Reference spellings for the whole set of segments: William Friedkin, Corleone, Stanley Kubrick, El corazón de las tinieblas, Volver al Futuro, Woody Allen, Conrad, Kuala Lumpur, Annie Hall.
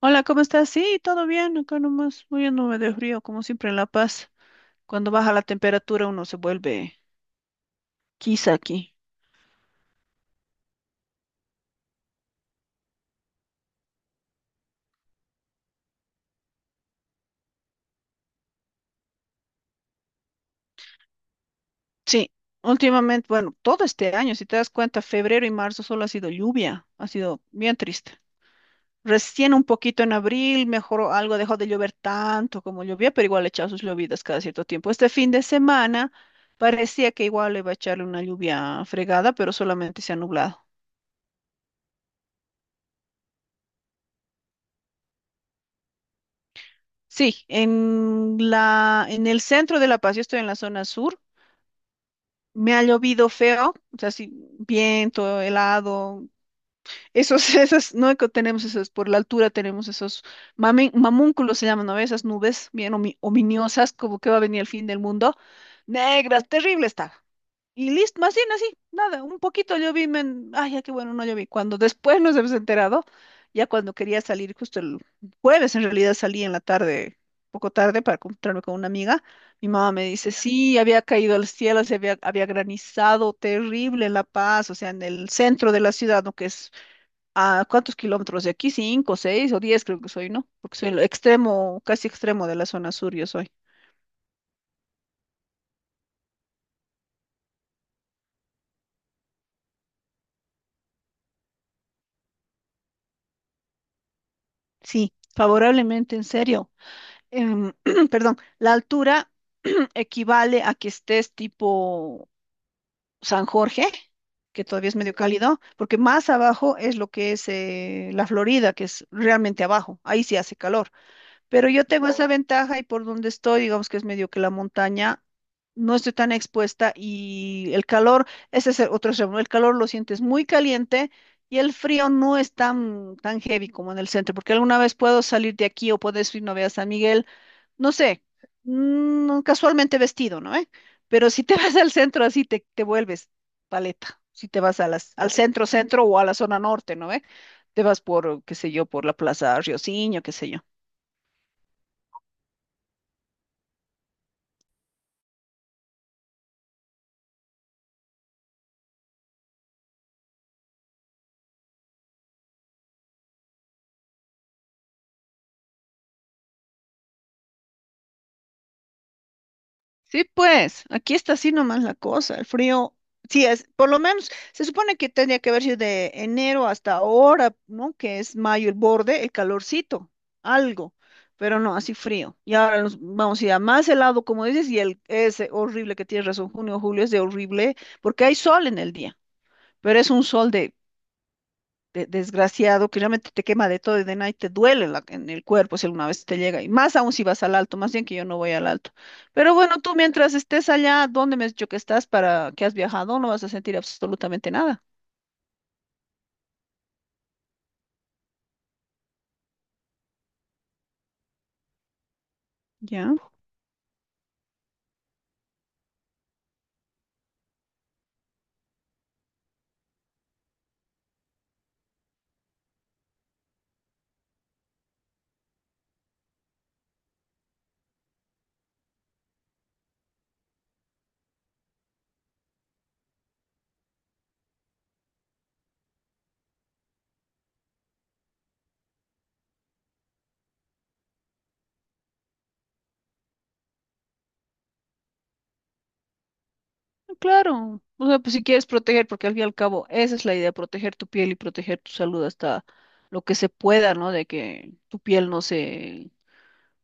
Hola, ¿cómo estás? Sí, todo bien, acá nomás muriéndome de frío, como siempre en La Paz. Cuando baja la temperatura uno se vuelve quizá aquí. Sí, últimamente, bueno, todo este año, si te das cuenta, febrero y marzo solo ha sido lluvia, ha sido bien triste. Recién un poquito en abril mejoró algo, dejó de llover tanto como llovía, pero igual echaba sus llovidas cada cierto tiempo. Este fin de semana parecía que igual iba a echarle una lluvia fregada, pero solamente se ha nublado. Sí, en el centro de La Paz, yo estoy en la zona sur, me ha llovido feo, o sea, sí, viento, helado, esos, esas, no que tenemos esos, por la altura tenemos esos mamúnculos se llaman, ¿no? Esas nubes bien ominosas, como que va a venir el fin del mundo, negras, terrible está. Y listo, más bien así, nada, un poquito yo vi, ay, ya qué bueno, no lloví. Cuando después nos hemos enterado, ya cuando quería salir, justo el jueves en realidad salí en la tarde, poco tarde para encontrarme con una amiga, mi mamá me dice, sí, había caído al cielo, se había, había granizado terrible en La Paz, o sea, en el centro de la ciudad, ¿no? Que es a cuántos kilómetros de aquí, cinco, seis o diez creo que soy, ¿no? Porque soy el extremo, casi extremo de la zona sur, yo soy. Sí, favorablemente, en serio. em, Perdón, la altura equivale a que estés tipo San Jorge, que todavía es medio cálido, porque más abajo es lo que es la Florida, que es realmente abajo, ahí sí hace calor, pero yo tengo esa ventaja y por donde estoy, digamos que es medio que la montaña. No estoy tan expuesta y el calor, ese es el otro extremo, ¿no? El calor lo sientes muy caliente y el frío no es tan, tan heavy como en el centro, porque alguna vez puedo salir de aquí o puedes ir, no veas San Miguel, no sé, casualmente vestido, ¿no? ¿Eh? Pero si te vas al centro así, te vuelves paleta. Si te vas a las, al centro, centro o a la zona norte, ¿no? ¿Eh? Te vas por, qué sé yo, por la Plaza Rioseño, qué sé yo. Sí, pues, aquí está así nomás la cosa, el frío, sí es, por lo menos, se supone que tendría que haber sido de enero hasta ahora, ¿no? Que es mayo el borde, el calorcito, algo, pero no, así frío. Y ahora nos vamos a ir a más helado, como dices, y el ese horrible que tienes razón, junio, julio es de horrible, porque hay sol en el día, pero es un sol de desgraciado que realmente te quema de todo y de nada y te duele en el cuerpo si alguna vez te llega. Y más aún si vas al alto, más bien que yo no voy al alto. Pero bueno, tú mientras estés allá, ¿dónde me has dicho que estás para que has viajado? No vas a sentir absolutamente nada. Ya, claro. O sea, pues si quieres proteger, porque al fin y al cabo esa es la idea, proteger tu piel y proteger tu salud hasta lo que se pueda, ¿no? De que tu piel no se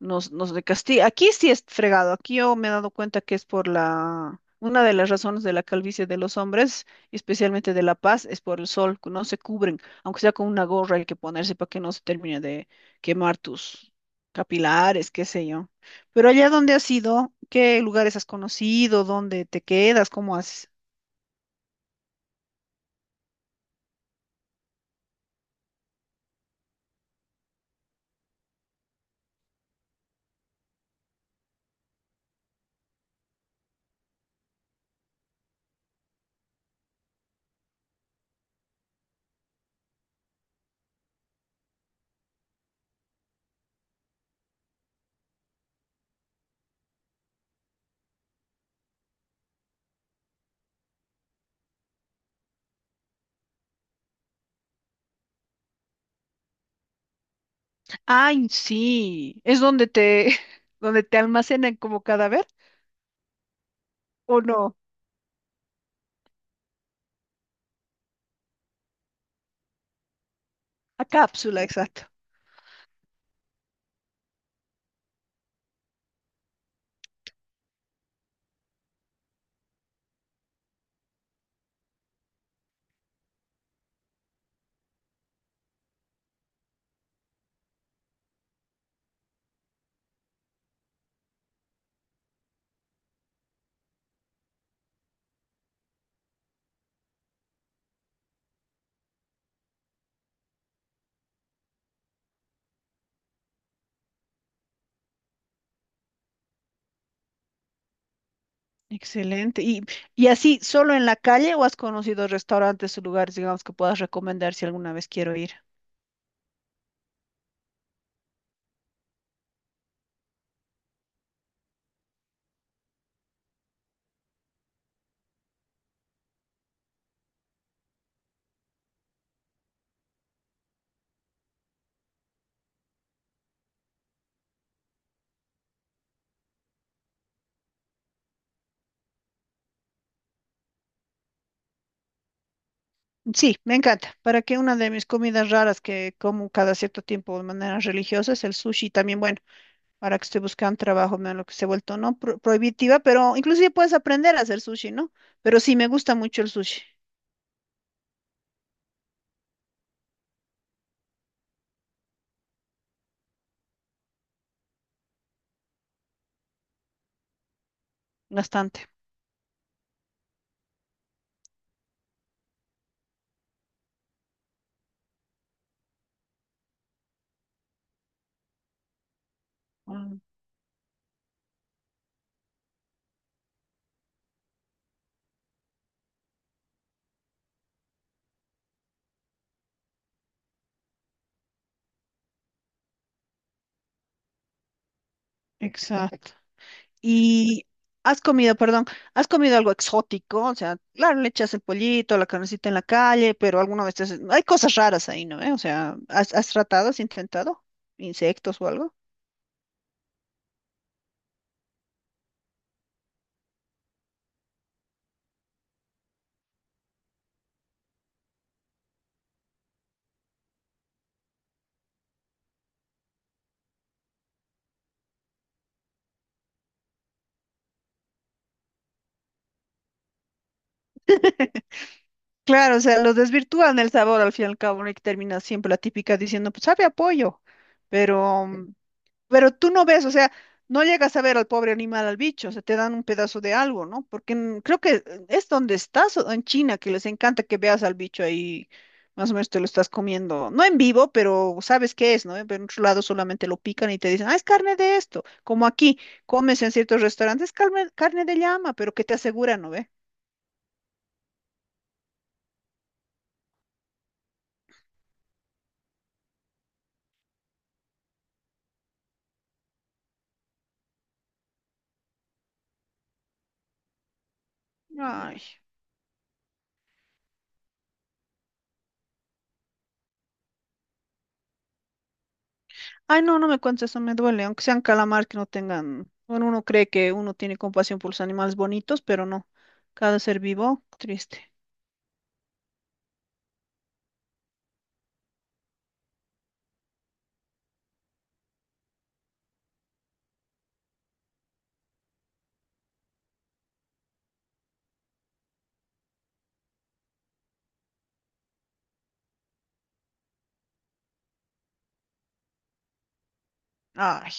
nos castiga. Aquí sí es fregado. Aquí yo me he dado cuenta que es por la... Una de las razones de la calvicie de los hombres, y especialmente de la paz, es por el sol, que no se cubren, aunque sea con una gorra hay que ponerse para que no se termine de quemar tus capilares, qué sé yo. Pero allá donde has ido, ¿qué lugares has conocido? ¿Dónde te quedas? ¿Cómo haces? Ay, sí, es donde te, donde te almacenan como cadáver, ¿o no? A cápsula, exacto. Excelente. Y así, solo en la calle o has conocido restaurantes o lugares, digamos, que puedas recomendar si alguna vez quiero ir? Sí, me encanta. Para que una de mis comidas raras que como cada cierto tiempo de manera religiosa es el sushi. También, bueno, ahora que estoy buscando trabajo, me lo que se ha vuelto, ¿no? Prohibitiva, pero inclusive puedes aprender a hacer sushi, ¿no? Pero sí, me gusta mucho el sushi, bastante. Mm. Exacto. Y has comido, perdón, has comido algo exótico, o sea, claro, le echas el pollito, la carnecita en la calle, pero alguna vez hay cosas raras ahí, ¿no? ¿Eh? O sea, ¿has, has tratado, has intentado insectos o algo? Claro, o sea, los desvirtúan el sabor al fin y al cabo, ¿no? Y termina siempre la típica diciendo, pues sabe a pollo, pero mm. Pero tú no ves, o sea, no llegas a ver al pobre animal, al bicho, o sea, te dan un pedazo de algo, ¿no? Porque creo que es donde estás, o en China, que les encanta que veas al bicho ahí, más o menos te lo estás comiendo, no en vivo, pero sabes qué es, ¿no? Pero en otro lado solamente lo pican y te dicen, ah, es carne de esto, como aquí, comes en ciertos restaurantes, carne, carne de llama, pero que te aseguran, ¿no ve? Ay. Ay, no, no me cuentes eso, me duele, aunque sean calamar que no tengan, bueno, uno cree que uno tiene compasión por los animales bonitos, pero no, cada ser vivo, triste. Ay,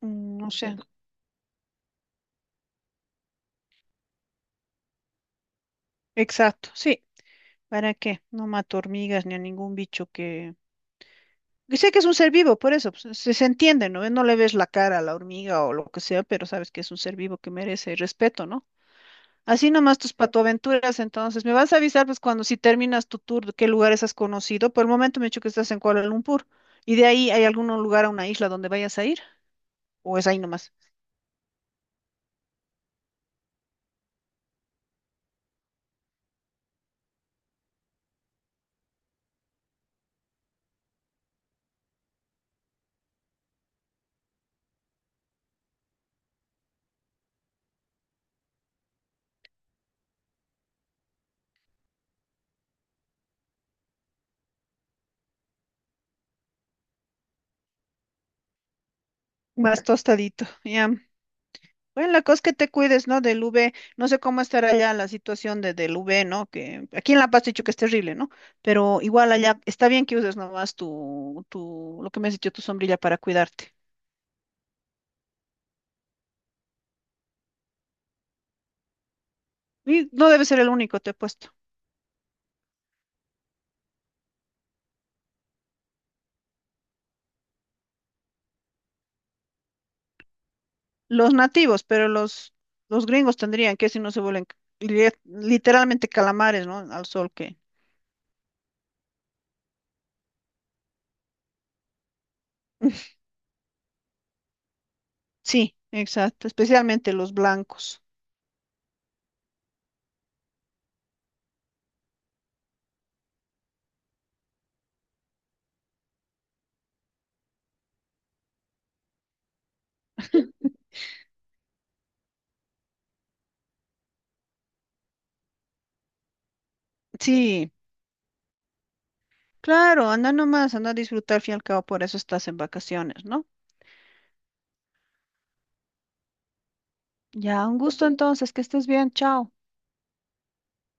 no sé, exacto, sí, ¿para qué? No mato hormigas ni a ningún bicho que sé que es un ser vivo, por eso, pues, se entiende, ¿no? No le ves la cara a la hormiga o lo que sea, pero sabes que es un ser vivo que merece respeto, ¿no? Así nomás tus patoaventuras, entonces. Me vas a avisar, pues, cuando si terminas tu tour, de qué lugares has conocido. Por el momento me he dicho que estás en Kuala Lumpur. ¿Y de ahí hay algún lugar a una isla donde vayas a ir? ¿O es ahí nomás? Más tostadito, ya. Bueno, la cosa es que te cuides, ¿no? Del UV. No sé cómo estará allá la situación de, del UV, ¿no? Que aquí en La Paz te he dicho que es terrible, ¿no? Pero igual allá está bien que uses nomás tu, tu, lo que me has dicho, tu sombrilla para cuidarte. Y no debe ser el único, te he puesto. Los nativos, pero los gringos tendrían que si no se vuelven literalmente calamares, ¿no? Al sol que... Sí, exacto, especialmente los blancos. Sí, claro, anda nomás, anda a disfrutar, al fin y al cabo, por eso estás en vacaciones, ¿no? Ya, un gusto entonces, que estés bien, chao.